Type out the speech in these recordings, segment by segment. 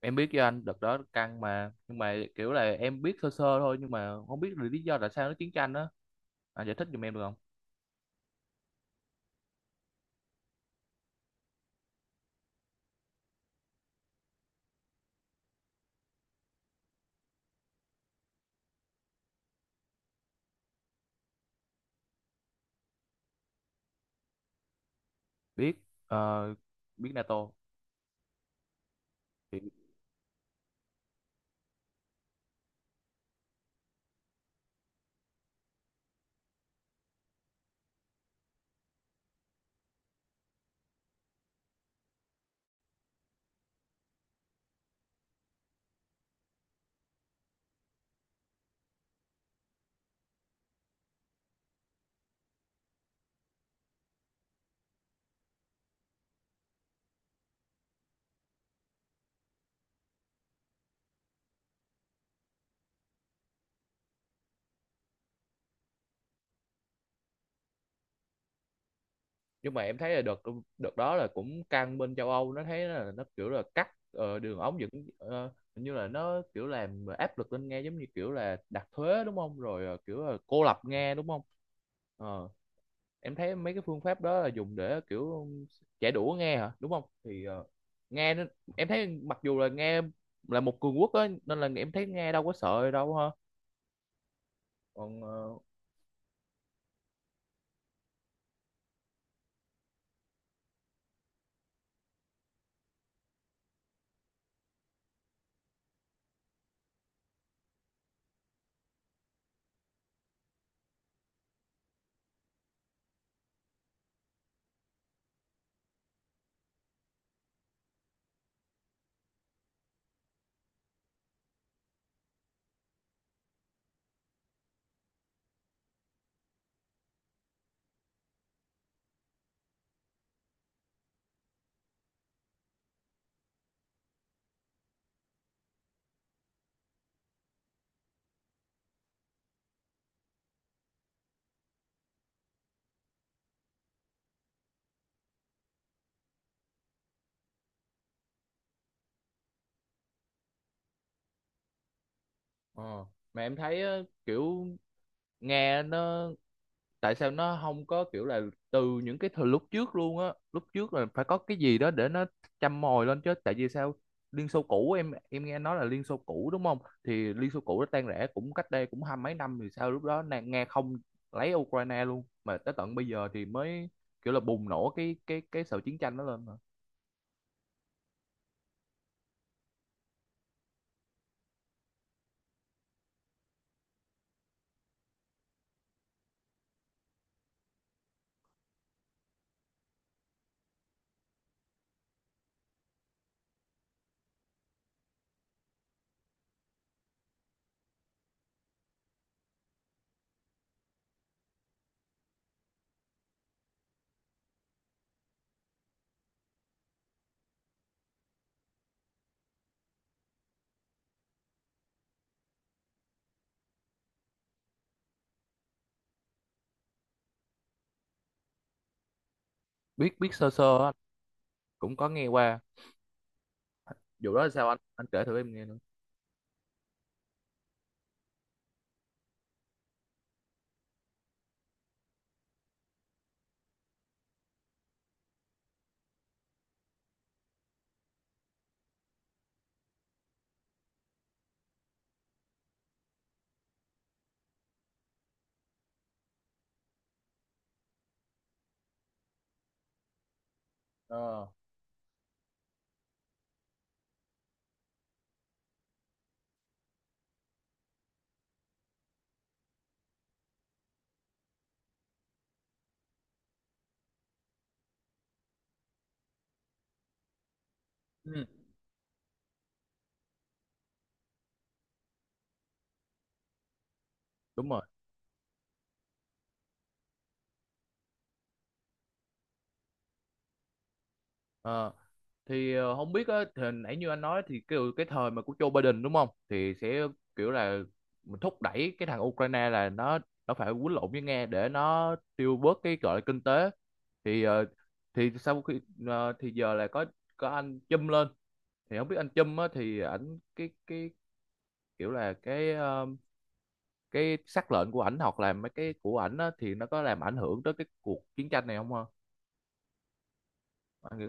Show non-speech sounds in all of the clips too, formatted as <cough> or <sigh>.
Em biết, với anh đợt đó căng mà nhưng mà kiểu là em biết sơ sơ thôi, nhưng mà không biết là lý do tại sao nó chiến tranh đó. Anh giải thích giùm em được không? Biết. ờ, Biết NATO. Thì nhưng mà em thấy là đợt đợt đó là cũng căng, bên châu Âu nó thấy là nó kiểu là cắt đường ống dẫn, hình như là nó kiểu làm áp lực lên Nga, giống như kiểu là đặt thuế đúng không, rồi kiểu là cô lập Nga đúng không. Ờ, em thấy mấy cái phương pháp đó là dùng để kiểu chạy đũa nghe hả đúng không, thì nghe nó- em thấy mặc dù là nghe là một cường quốc á nên là em thấy nghe đâu có sợ đâu ha. Còn ờ, mà em thấy, kiểu nghe nó, tại sao nó không có kiểu là từ những cái thời lúc trước luôn á, lúc trước là phải có cái gì đó để nó châm mồi lên chứ, tại vì sao Liên Xô cũ, em nghe nói là Liên Xô cũ đúng không, thì Liên Xô cũ nó tan rã cũng cách đây cũng hai mấy năm, thì sao lúc đó Nga không lấy Ukraine luôn mà tới tận bây giờ thì mới kiểu là bùng nổ cái sự chiến tranh đó lên mà. Biết, biết sơ sơ á. Cũng có nghe qua. Vụ đó là sao anh kể thử em nghe nữa. Ờ. Ừ. Đúng rồi. Ờ. Thì không biết á, thì hồi nãy như anh nói thì kiểu cái thời mà của Joe Biden đúng không, thì sẽ kiểu là mình thúc đẩy cái thằng Ukraine là nó phải quýnh lộn với Nga để nó tiêu bớt cái gọi là kinh tế. Thì thì sau khi thì giờ là có anh Trump lên, thì không biết anh Trump á thì ảnh cái kiểu là cái sắc lệnh của ảnh hoặc là mấy cái của ảnh á, thì nó có làm ảnh hưởng tới cái cuộc chiến tranh này không hả? Anh nghĩ.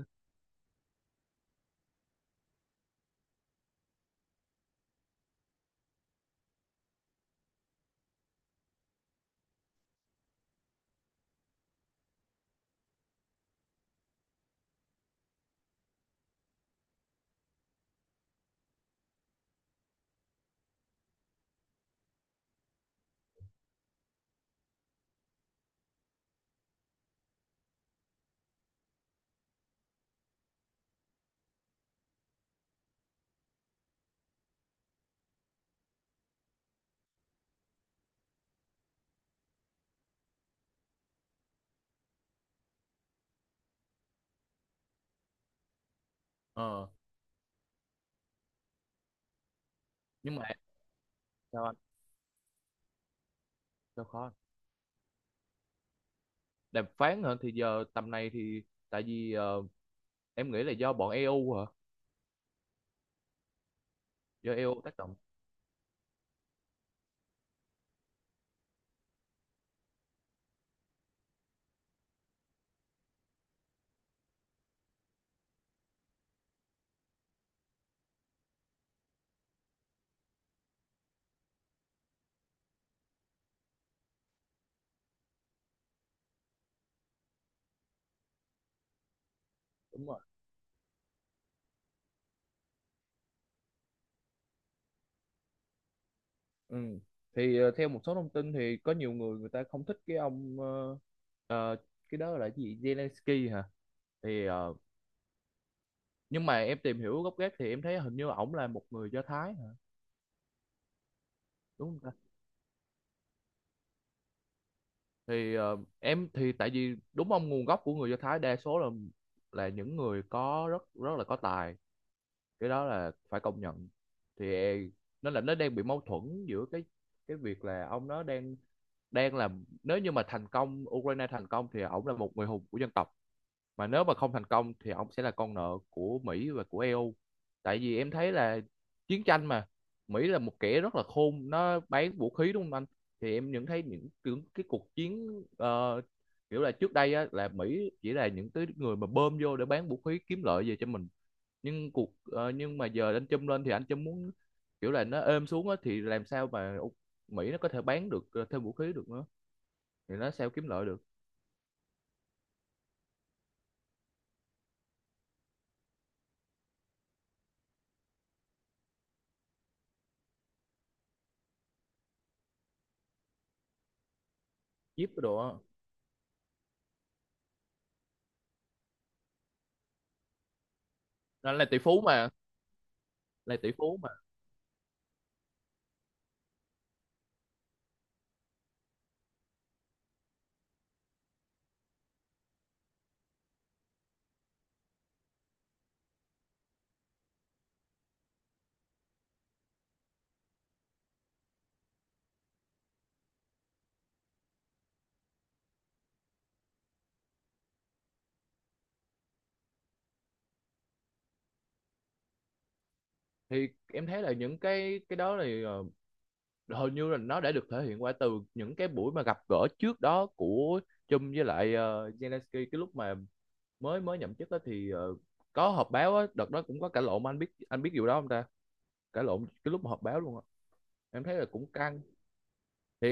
Ờ. Nhưng mà sao anh, sao khó đàm phán hả, thì giờ tầm này thì tại vì em nghĩ là do bọn EU hả, do EU tác động. Đúng rồi. Ừ. Thì theo một số thông tin thì có nhiều người người ta không thích cái ông, ờ, cái đó là cái gì, Zelensky hả? Thì nhưng mà em tìm hiểu gốc gác thì em thấy hình như ổng là một người Do Thái hả, đúng không ta? Thì em thì tại vì đúng ông nguồn gốc của người Do Thái đa số là những người có rất rất là có tài, cái đó là phải công nhận. Thì nó là nó đang bị mâu thuẫn giữa cái việc là ông nó đang đang làm, nếu như mà thành công, Ukraine thành công thì ổng là một người hùng của dân tộc, mà nếu mà không thành công thì ông sẽ là con nợ của Mỹ và của EU. Tại vì em thấy là chiến tranh mà, Mỹ là một kẻ rất là khôn, nó bán vũ khí đúng không anh. Thì em nhận thấy những cái cuộc chiến, kiểu là trước đây á, là Mỹ chỉ là những cái người mà bơm vô để bán vũ khí kiếm lợi về cho mình. Nhưng nhưng mà giờ anh Trump lên thì anh Trump muốn kiểu là nó êm xuống á, thì làm sao mà Mỹ nó có thể bán được thêm vũ khí được nữa, thì nó sao kiếm lợi được. Jeep cái đồ á. Nó là tỷ phú mà. Là tỷ phú. Thì em thấy là những cái đó thì hầu như là nó đã được thể hiện qua từ những cái buổi mà gặp gỡ trước đó của Chung với lại Zelensky, cái lúc mà mới mới nhậm chức á thì có họp báo á, đợt đó cũng có cãi lộn mà, anh biết, anh biết điều đó không ta? Cãi lộn cái lúc mà họp báo luôn á. Em thấy là cũng căng. Thì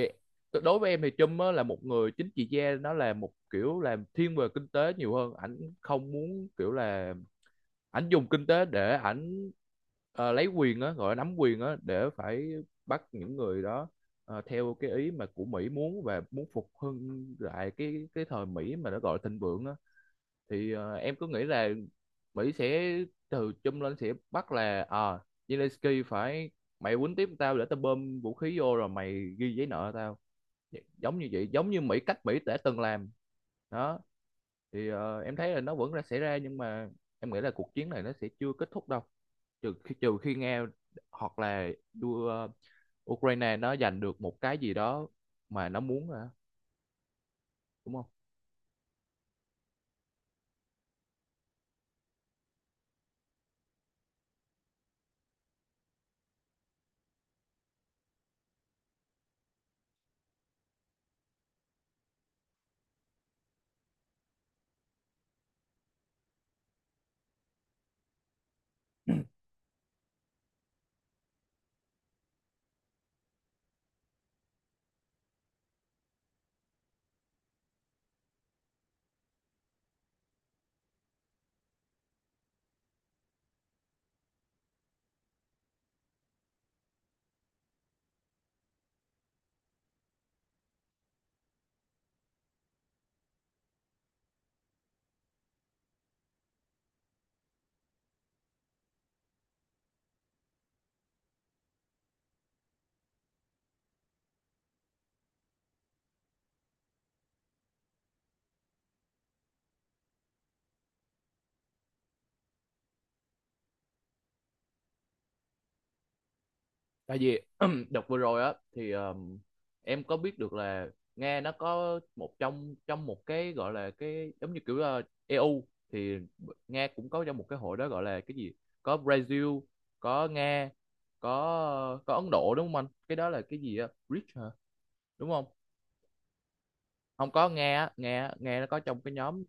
đối với em thì Chung á là một người chính trị gia, nó là một kiểu làm thiên về kinh tế nhiều hơn, ảnh không muốn kiểu là ảnh dùng kinh tế để ảnh lấy quyền á, gọi là nắm quyền á để phải bắt những người đó theo cái ý mà của Mỹ muốn và muốn phục hưng lại cái thời Mỹ mà nó gọi là thịnh vượng á. Thì em cứ nghĩ là Mỹ sẽ từ chung lên sẽ bắt là à, Zelensky phải, mày quýnh tiếp tao để tao bơm vũ khí vô rồi mày ghi giấy nợ tao, giống như vậy, giống như Mỹ, cách Mỹ đã từng làm đó. Thì em thấy là nó vẫn đã xảy ra, nhưng mà em nghĩ là cuộc chiến này nó sẽ chưa kết thúc đâu, trừ khi Nga hoặc là đua, Ukraine nó giành được một cái gì đó mà nó muốn hả? Đúng không. Tại vì <clears throat> đợt vừa rồi á thì em có biết được là Nga nó có một trong trong một cái gọi là cái giống như kiểu là EU, thì Nga cũng có trong một cái hội đó, gọi là cái gì, có Brazil, có Nga, có Ấn Độ, đúng không anh, cái đó là cái gì á, BRICS hả, đúng không? Không, có Nga á, Nga Nga nó có trong cái nhóm,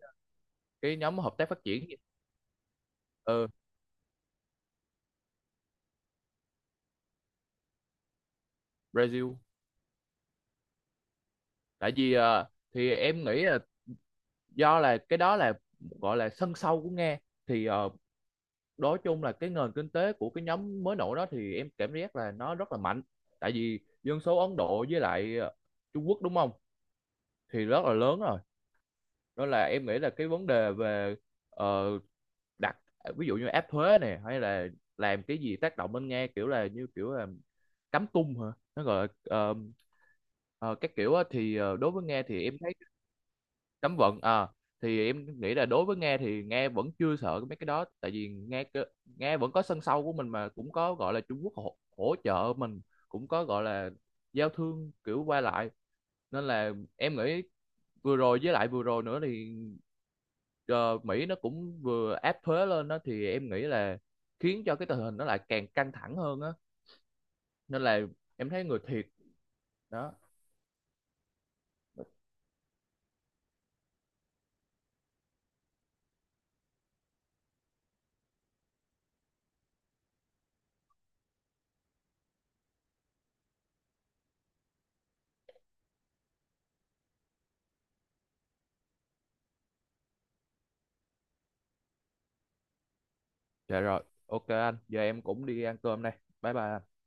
cái nhóm hợp tác phát triển gì? Ừ. Brazil. Tại vì thì em nghĩ là do là cái đó là gọi là sân sau của Nga. Thì nói chung là cái nền kinh tế của cái nhóm mới nổi đó thì em cảm giác là nó rất là mạnh, tại vì dân số Ấn Độ với lại Trung Quốc đúng không, thì rất là lớn rồi. Đó là em nghĩ là cái vấn đề về ờ, đặt ví dụ như áp thuế này hay là làm cái gì tác động lên nghe, kiểu là như kiểu là cắm tung hả, nó gọi là ờ, các kiểu á, thì đối với Nga thì em thấy cấm vận à. Thì em nghĩ là đối với Nga thì Nga vẫn chưa sợ mấy cái đó, tại vì Nga vẫn có sân sau của mình, mà cũng có gọi là Trung Quốc hỗ trợ mình, cũng có gọi là giao thương kiểu qua lại. Nên là em nghĩ vừa rồi với lại vừa rồi nữa thì ờ, Mỹ nó cũng vừa áp thuế lên đó, thì em nghĩ là khiến cho cái tình hình nó lại càng căng thẳng hơn á. Nên là em thấy người thiệt đó. Dạ rồi, ok anh, giờ em cũng đi ăn cơm đây, bye bye anh.